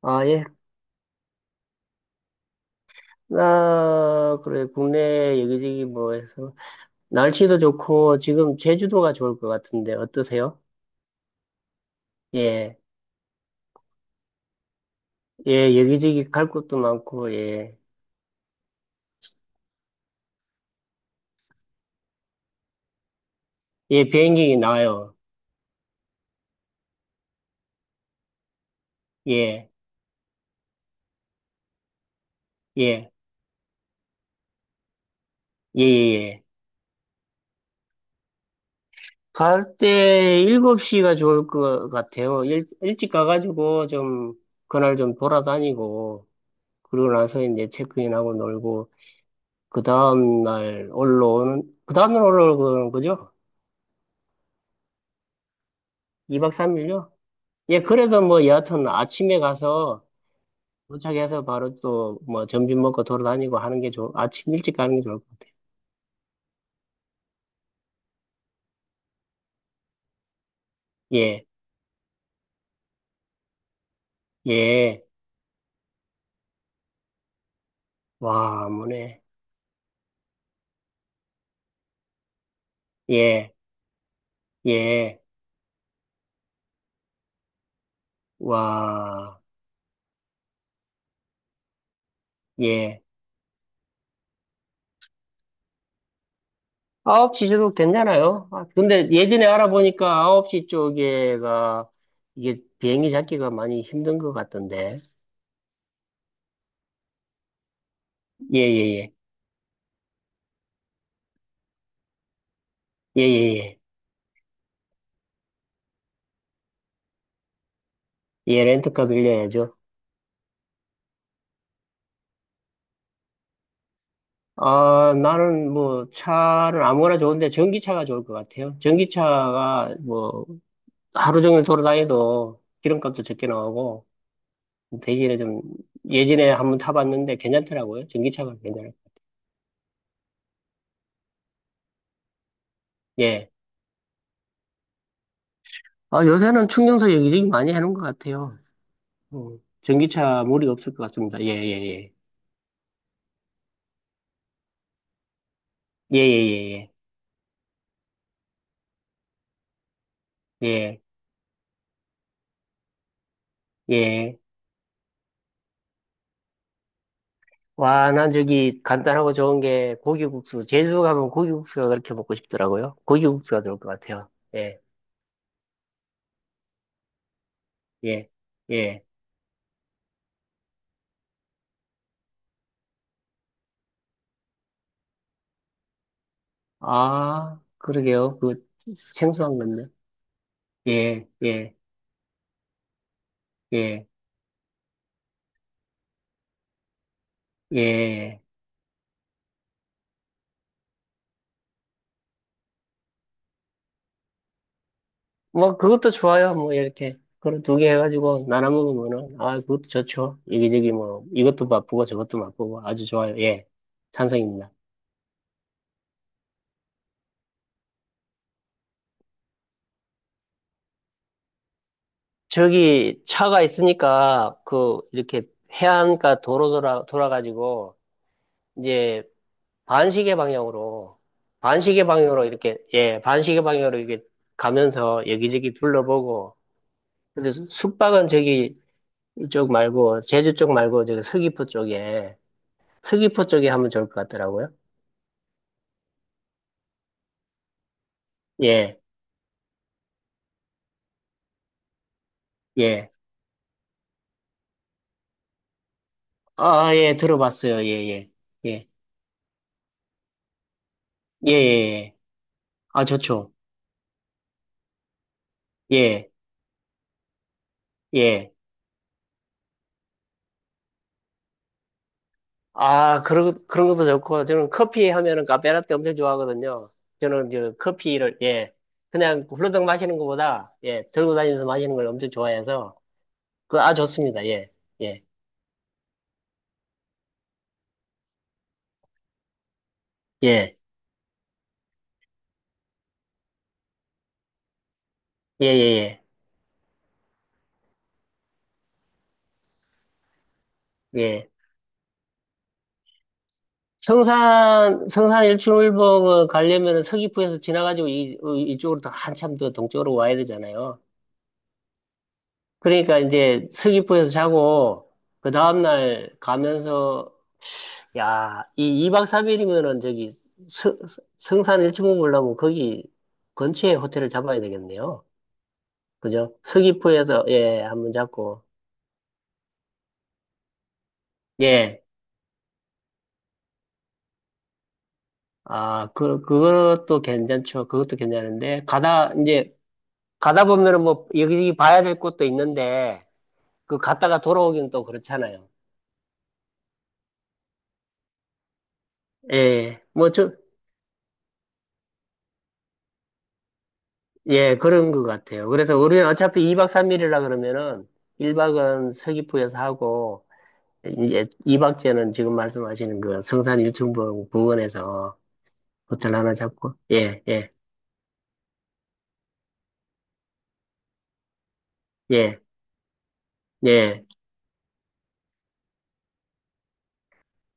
아, 예. 아, 그래. 국내 여기저기 뭐 해서. 날씨도 좋고, 지금 제주도가 좋을 것 같은데, 어떠세요? 예. 예, 여기저기 갈 곳도 많고, 예. 예, 비행기 나와요. 예. 예. 예, 예, 예. 갈 때 7시가 좋을 것 같아요. 일찍 가가지고 좀, 그날 좀 돌아다니고, 그러고 나서 이제 체크인하고 놀고, 그 다음날 올라오는 거죠? 2박 3일요? 예, 그래도 뭐 여하튼 아침에 가서 도착해서 바로 또 뭐 점심 먹고 돌아다니고 하는 게 아침 일찍 가는 게 좋을 것 같아요. 예, 예, 와, 뭐네. 예, 예, 와, 예. 9시도 괜찮아요. 아, 근데 예전에 알아보니까 9시 쪽에가 이게 비행기 잡기가 많이 힘든 것 같던데. 예, 예, 예. 예, 예, 예. 예, 렌트카 빌려야죠. 아, 나는 뭐 차는 아무거나 좋은데 전기차가 좋을 것 같아요. 전기차가 뭐 하루 종일 돌아다녀도 기름값도 적게 나오고 대신에 좀 예전에 한번 타봤는데 괜찮더라고요. 전기차가 괜찮아요. 예. 아, 요새는 충전소 여기저기 많이 해놓은 것 같아요. 음, 전기차 무리 없을 것 같습니다. 예, 예, 예. 예, 예, 예, 예. 예, 예. 와, 난 저기 간단하고 좋은 게 고기국수. 제주 가면 고기국수가 그렇게 먹고 싶더라고요. 고기국수가 좋을 것 같아요. 예. 예, 예. 아, 그러게요. 그 생소한 건데. 예, 예, 예, 예. 뭐 그것도 좋아요. 뭐 이렇게 그런 2개 해가지고 나눠 먹으면은 아 그것도 좋죠. 여기저기 뭐 이것도 맛보고 저것도 맛보고 아주 좋아요. 예, 찬성입니다. 저기 차가 있으니까 그 이렇게 해안가 도로 돌아 돌아가지고 이제 반시계 방향으로 반시계 방향으로 이렇게 예 반시계 방향으로 이렇게 가면서 여기저기 둘러보고 근데 숙박은 저기 이쪽 말고 제주 쪽 말고 저기 서귀포 쪽에 하면 좋을 것 같더라고요. 예, 예. 아, 아, 예, 들어봤어요. 예, 예. 예, 예, 예. 예. 아, 좋죠. 예, 예. 아, 그런 것도 좋고 저는 커피 하면은 카페라떼 엄청 좋아하거든요. 저는 저 커피를 예. 그냥 훌러덩 마시는 것보다 예, 들고 다니면서 마시는 걸 엄청 좋아해서 그 아 좋습니다. 예. 예. 예. 예, 예, 예. 예. 성산 일출을봉을 가려면 서귀포에서 지나가지고 이쪽으로 더 한참 더 동쪽으로 와야 되잖아요. 그러니까 이제 서귀포에서 자고, 그 다음날 가면서, 야, 이 2박 3일이면은 저기 서, 성산 일출봉 보려면 거기 근처에 호텔을 잡아야 되겠네요. 그죠? 서귀포에서, 예, 한번 잡고, 예. 아, 그것도 괜찮죠. 그것도 괜찮은데, 이제, 가다 보면은 뭐 여기저기 봐야 될 곳도 있는데 그 갔다가 돌아오긴 또 그렇잖아요. 예, 뭐 좀, 예, 그런 것 같아요. 그래서 우리는 어차피 2박 3일이라 그러면은 1박은 서귀포에서 하고 이제 2박째는 지금 말씀하시는 그 성산 일출봉 부근에서 호텔 하나 잡고 예, 예, 예, 예.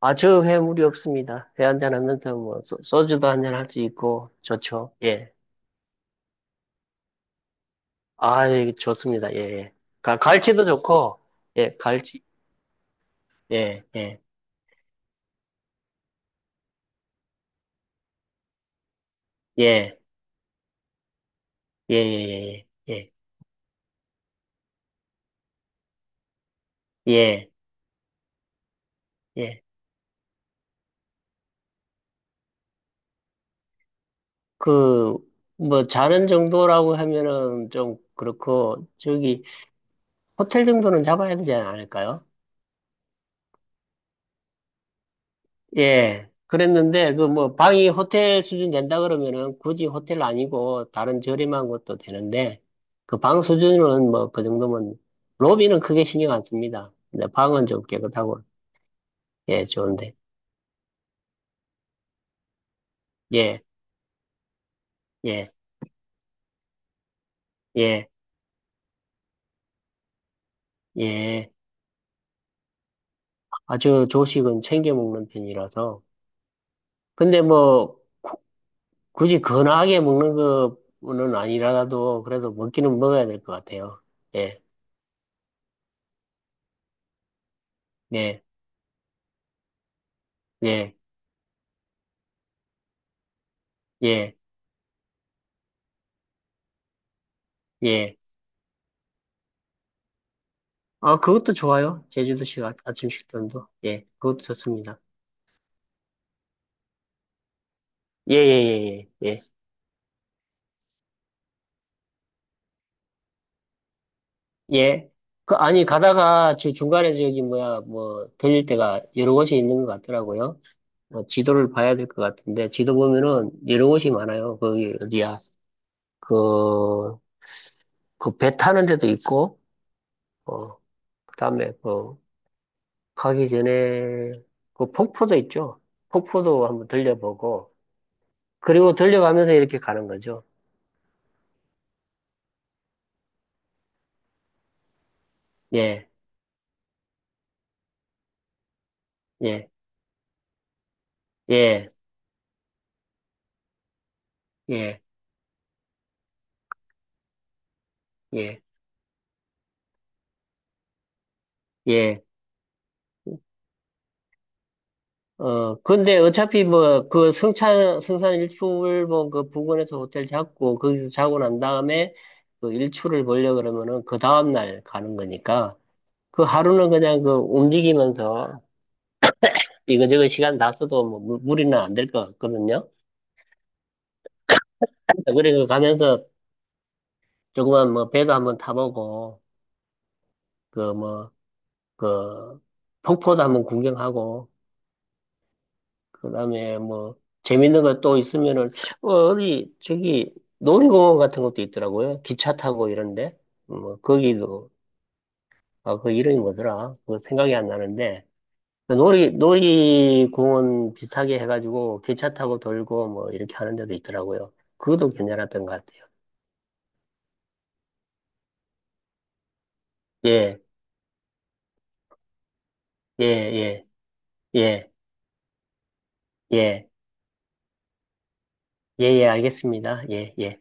아, 저 회 무리 없습니다. 회 1잔 하면서 뭐 주도 1잔 할 수 있고 좋죠. 예. 아, 예, 좋습니다. 예, 예. 갈치도 좋고, 예, 갈치, 예, 예, 예, 예, 예, 예, 예, 예, 예. 예. 그, 뭐, 자는 정도라고 하면은 좀 그렇고, 저기, 호텔 정도는 잡아야 되지 않을까요? 예. 그랬는데, 그 뭐, 방이 호텔 수준 된다 그러면은 굳이 호텔 아니고 다른 저렴한 것도 되는데, 그 방 수준은 뭐, 그 정도면, 로비는 크게 신경 안 씁니다. 근데 방은 좀 깨끗하고, 예, 좋은데. 예, 예, 예, 예. 아주 조식은 챙겨 먹는 편이라서. 근데 뭐, 굳이 건하게 먹는 거는 아니라도, 그래도 먹기는 먹어야 될 것 같아요. 예, 예, 예, 예, 예. 아, 그것도 좋아요. 제주도식 아침 식단도. 예, 그것도 좋습니다. 예, 예, 예, 예, 예. 예. 그, 아니, 가다가 저 중간에 저기, 뭐야, 뭐, 들릴 때가 여러 곳이 있는 것 같더라고요. 어, 지도를 봐야 될 것 같은데, 지도 보면은 이런 곳이 많아요. 거기 어디야? 그, 그 배 타는 데도 있고, 어, 그다음에 그 가기 전에 그 폭포도 있죠. 폭포도 한번 들려보고, 그리고 들려가면서 이렇게 가는 거죠. 예, 예, 예, 예, 예, 예. 어, 근데 어차피 뭐, 그 성산 일출봉 그 부근에서 호텔 잡고, 거기서 자고 난 다음에 그 일출을 보려 그러면은 그 다음날 가는 거니까, 그 하루는 그냥 그 움직이면서 이거저거 시간 다 써도 뭐 무리는 안 될 것 같거든요. 그리고 가면서 조그만 뭐 배도 한번 타보고, 그 뭐, 그 폭포도 한번 구경하고, 그다음에 뭐 재밌는 거 또 있으면은 어, 어디 저기 놀이공원 같은 것도 있더라고요. 기차 타고 이런데 뭐 거기도 아 그 이름이 뭐더라? 그 생각이 안 나는데 그 놀이공원 비슷하게 해가지고 기차 타고 돌고 뭐 이렇게 하는 데도 있더라고요. 그것도 괜찮았던 것 같아요. 예, 예, 예, 예, 예, 예, 예, 알겠습니다. 예, 예.